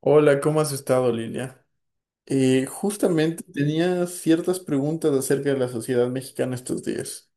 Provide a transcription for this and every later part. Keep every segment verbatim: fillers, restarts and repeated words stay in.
Hola, ¿cómo has estado, Lilia? Eh, justamente tenía ciertas preguntas acerca de la sociedad mexicana estos días.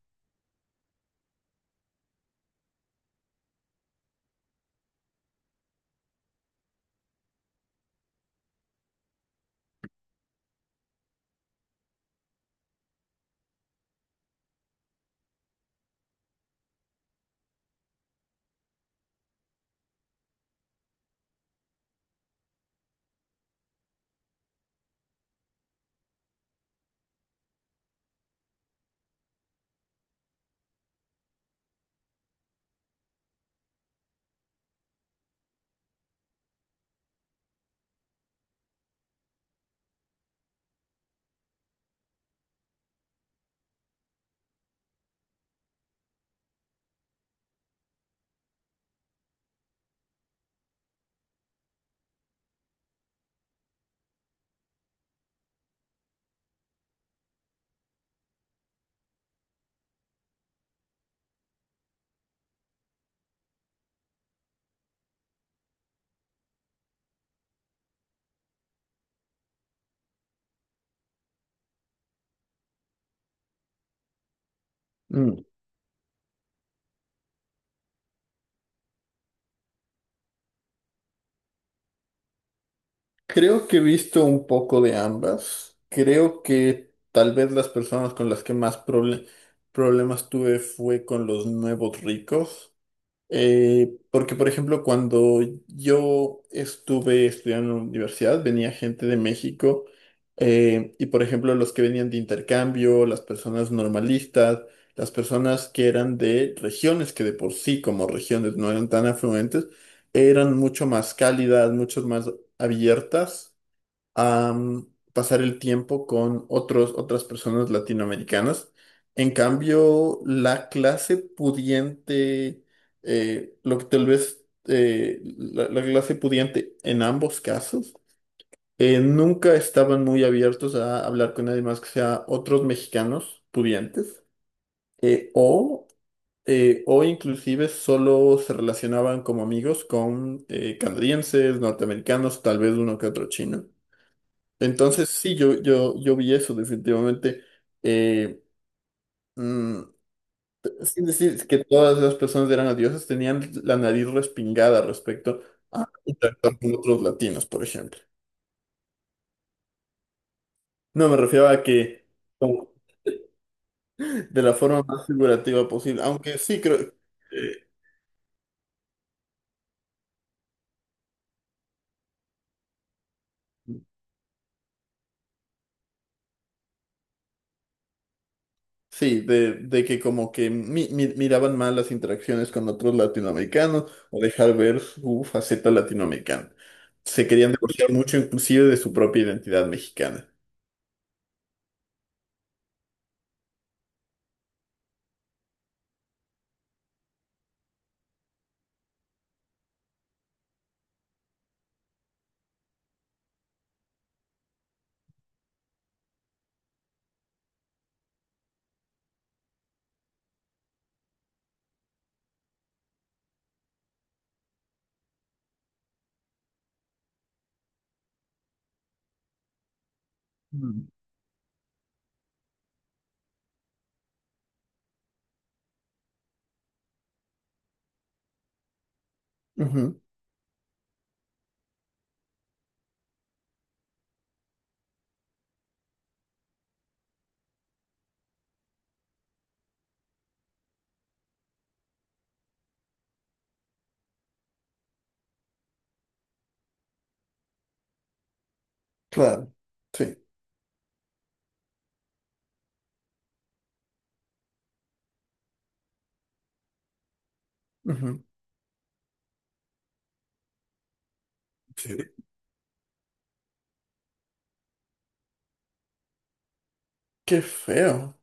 Mm, Creo que he visto un poco de ambas. Creo que tal vez las personas con las que más proble- problemas tuve fue con los nuevos ricos. Eh, porque, por ejemplo, cuando yo estuve estudiando en la universidad, venía gente de México eh, y, por ejemplo, los que venían de intercambio, las personas normalistas, las personas que eran de regiones que de por sí como regiones no eran tan afluentes, eran mucho más cálidas, mucho más abiertas a mm, pasar el tiempo con otros, otras personas latinoamericanas. En cambio, la clase pudiente, eh, lo que tal vez eh, la, la clase pudiente en ambos casos, eh, nunca estaban muy abiertos a hablar con nadie más que sea otros mexicanos pudientes eh, o, eh, o inclusive solo se relacionaban como amigos con eh, canadienses, norteamericanos, tal vez uno que otro chino. Entonces, sí, yo, yo, yo vi eso definitivamente. Eh, mm, Sin decir que todas las personas eran dioses, tenían la nariz respingada respecto a interactuar con otros latinos, por ejemplo. No, me refiero a que como, de la forma más figurativa posible, aunque sí creo, eh, sí, de, de que como que mi- mi- miraban mal las interacciones con otros latinoamericanos o dejar ver su faceta latinoamericana. Se querían divorciar mucho inclusive de su propia identidad mexicana. Mm. Ujú, claro, sí. Ujú. Sí. Qué feo,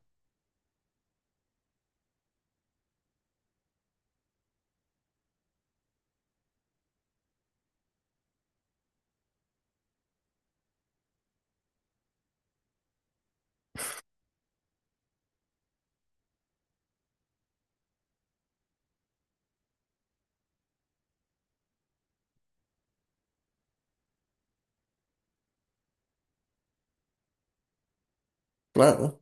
claro.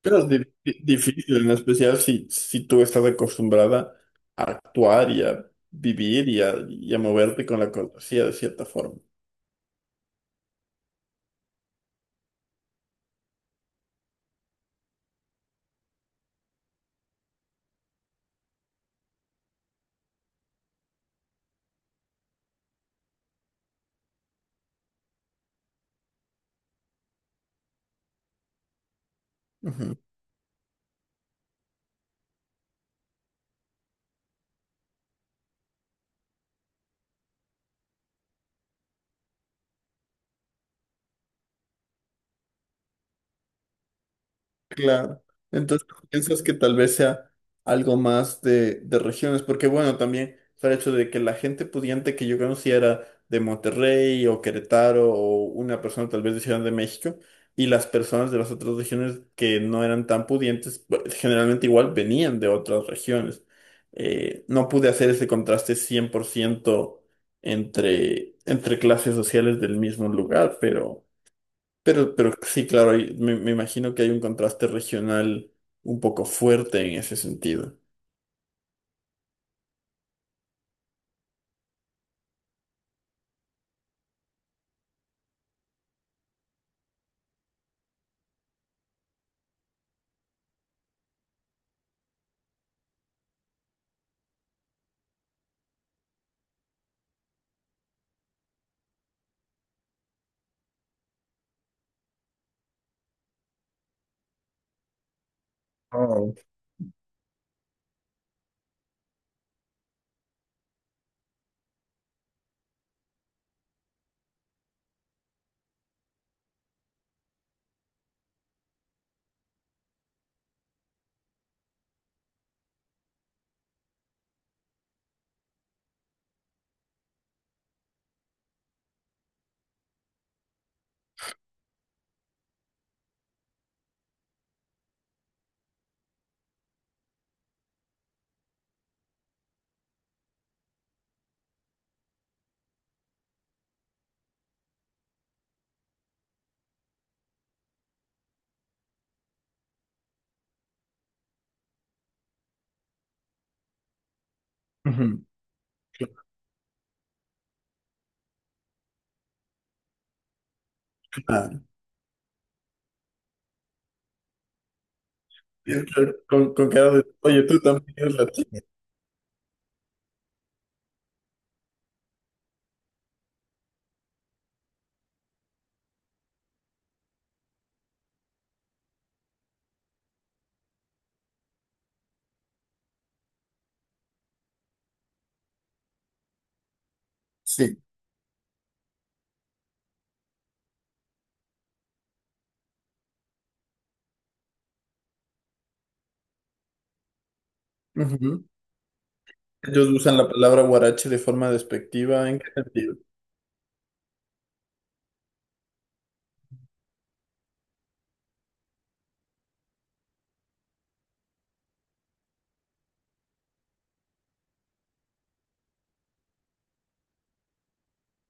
Pero es di- di- difícil, en especial si, si tú estás acostumbrada a actuar y a vivir y a, y a moverte con la cortesía de cierta forma. Claro. Entonces, piensas que tal vez sea algo más de, de regiones, porque bueno, también está el hecho de que la gente pudiente que yo conocía era de Monterrey o Querétaro o una persona tal vez de Ciudad de México, y las personas de las otras regiones que no eran tan pudientes, pues, generalmente igual venían de otras regiones. Eh, no pude hacer ese contraste cien por ciento entre, entre clases sociales del mismo lugar, pero... Pero, pero sí, claro, hay- me, me imagino que hay un contraste regional un poco fuerte en ese sentido. Oh, ujú, ah, con, con cara de, oye, tú también eres latino. Sí. Ujú. Ellos usan la palabra huarache de forma despectiva, ¿en qué sentido?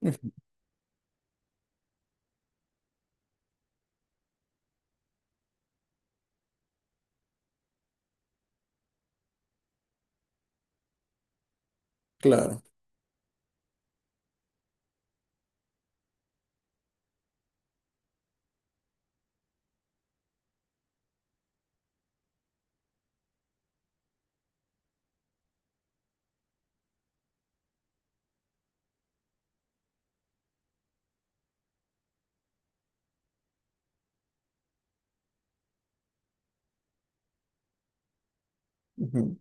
Ujú, claro. Ujú.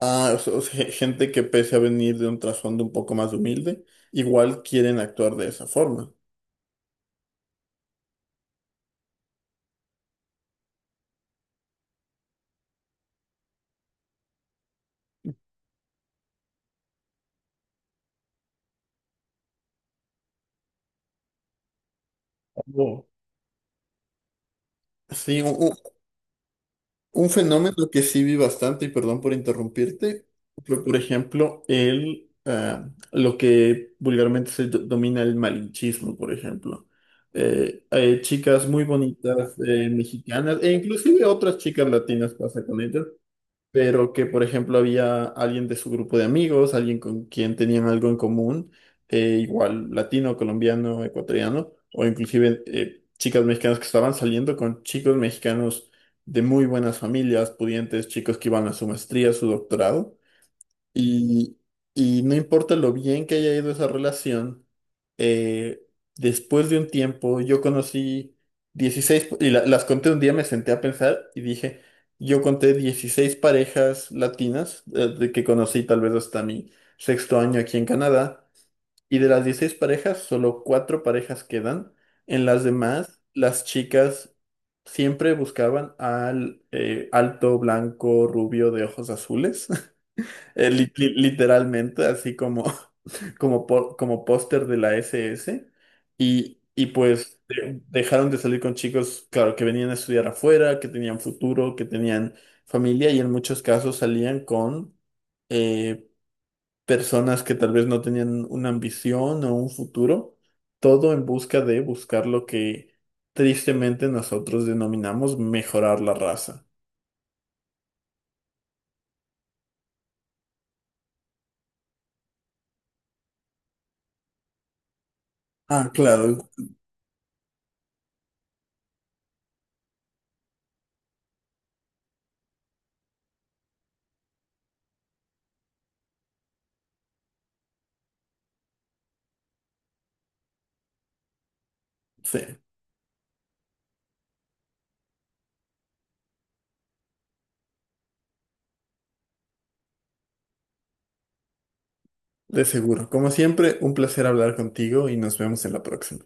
Ah, o sea, o sea, gente que pese a venir de un trasfondo un poco más humilde, igual quieren actuar de esa forma. Oh, sí, un, un- un fenómeno que sí vi bastante, y perdón por interrumpirte, fue por ejemplo el, ah, lo que vulgarmente se do- domina el malinchismo, por ejemplo. Eh, hay chicas muy bonitas eh, mexicanas, e inclusive otras chicas latinas pasa con ellas, pero que por ejemplo había alguien de su grupo de amigos, alguien con quien tenían algo en común, eh, igual latino, colombiano, ecuatoriano, o inclusive eh, chicas mexicanas que estaban saliendo con chicos mexicanos de muy buenas familias, pudientes, chicos que iban a su maestría, su doctorado. Y, y no importa lo bien que haya ido esa relación, eh, después de un tiempo yo conocí dieciséis y la- las conté un día, me senté a pensar y dije, yo conté dieciséis parejas latinas eh, de que conocí tal vez hasta mi sexto año aquí en Canadá, y de las dieciséis parejas, solo cuatro parejas quedan. En las demás, las chicas siempre buscaban al eh, alto, blanco, rubio de ojos azules. Eh, li- li- literalmente, así como, como, po- como póster de la S S. Y, y pues de- dejaron de salir con chicos, claro, que venían a estudiar afuera, que tenían futuro, que tenían familia y en muchos casos salían con eh, personas que tal vez no tenían una ambición o un futuro, todo en busca de buscar lo que tristemente nosotros denominamos mejorar la raza. Ah, claro, sí. De seguro. Como siempre, un placer hablar contigo y nos vemos en la próxima.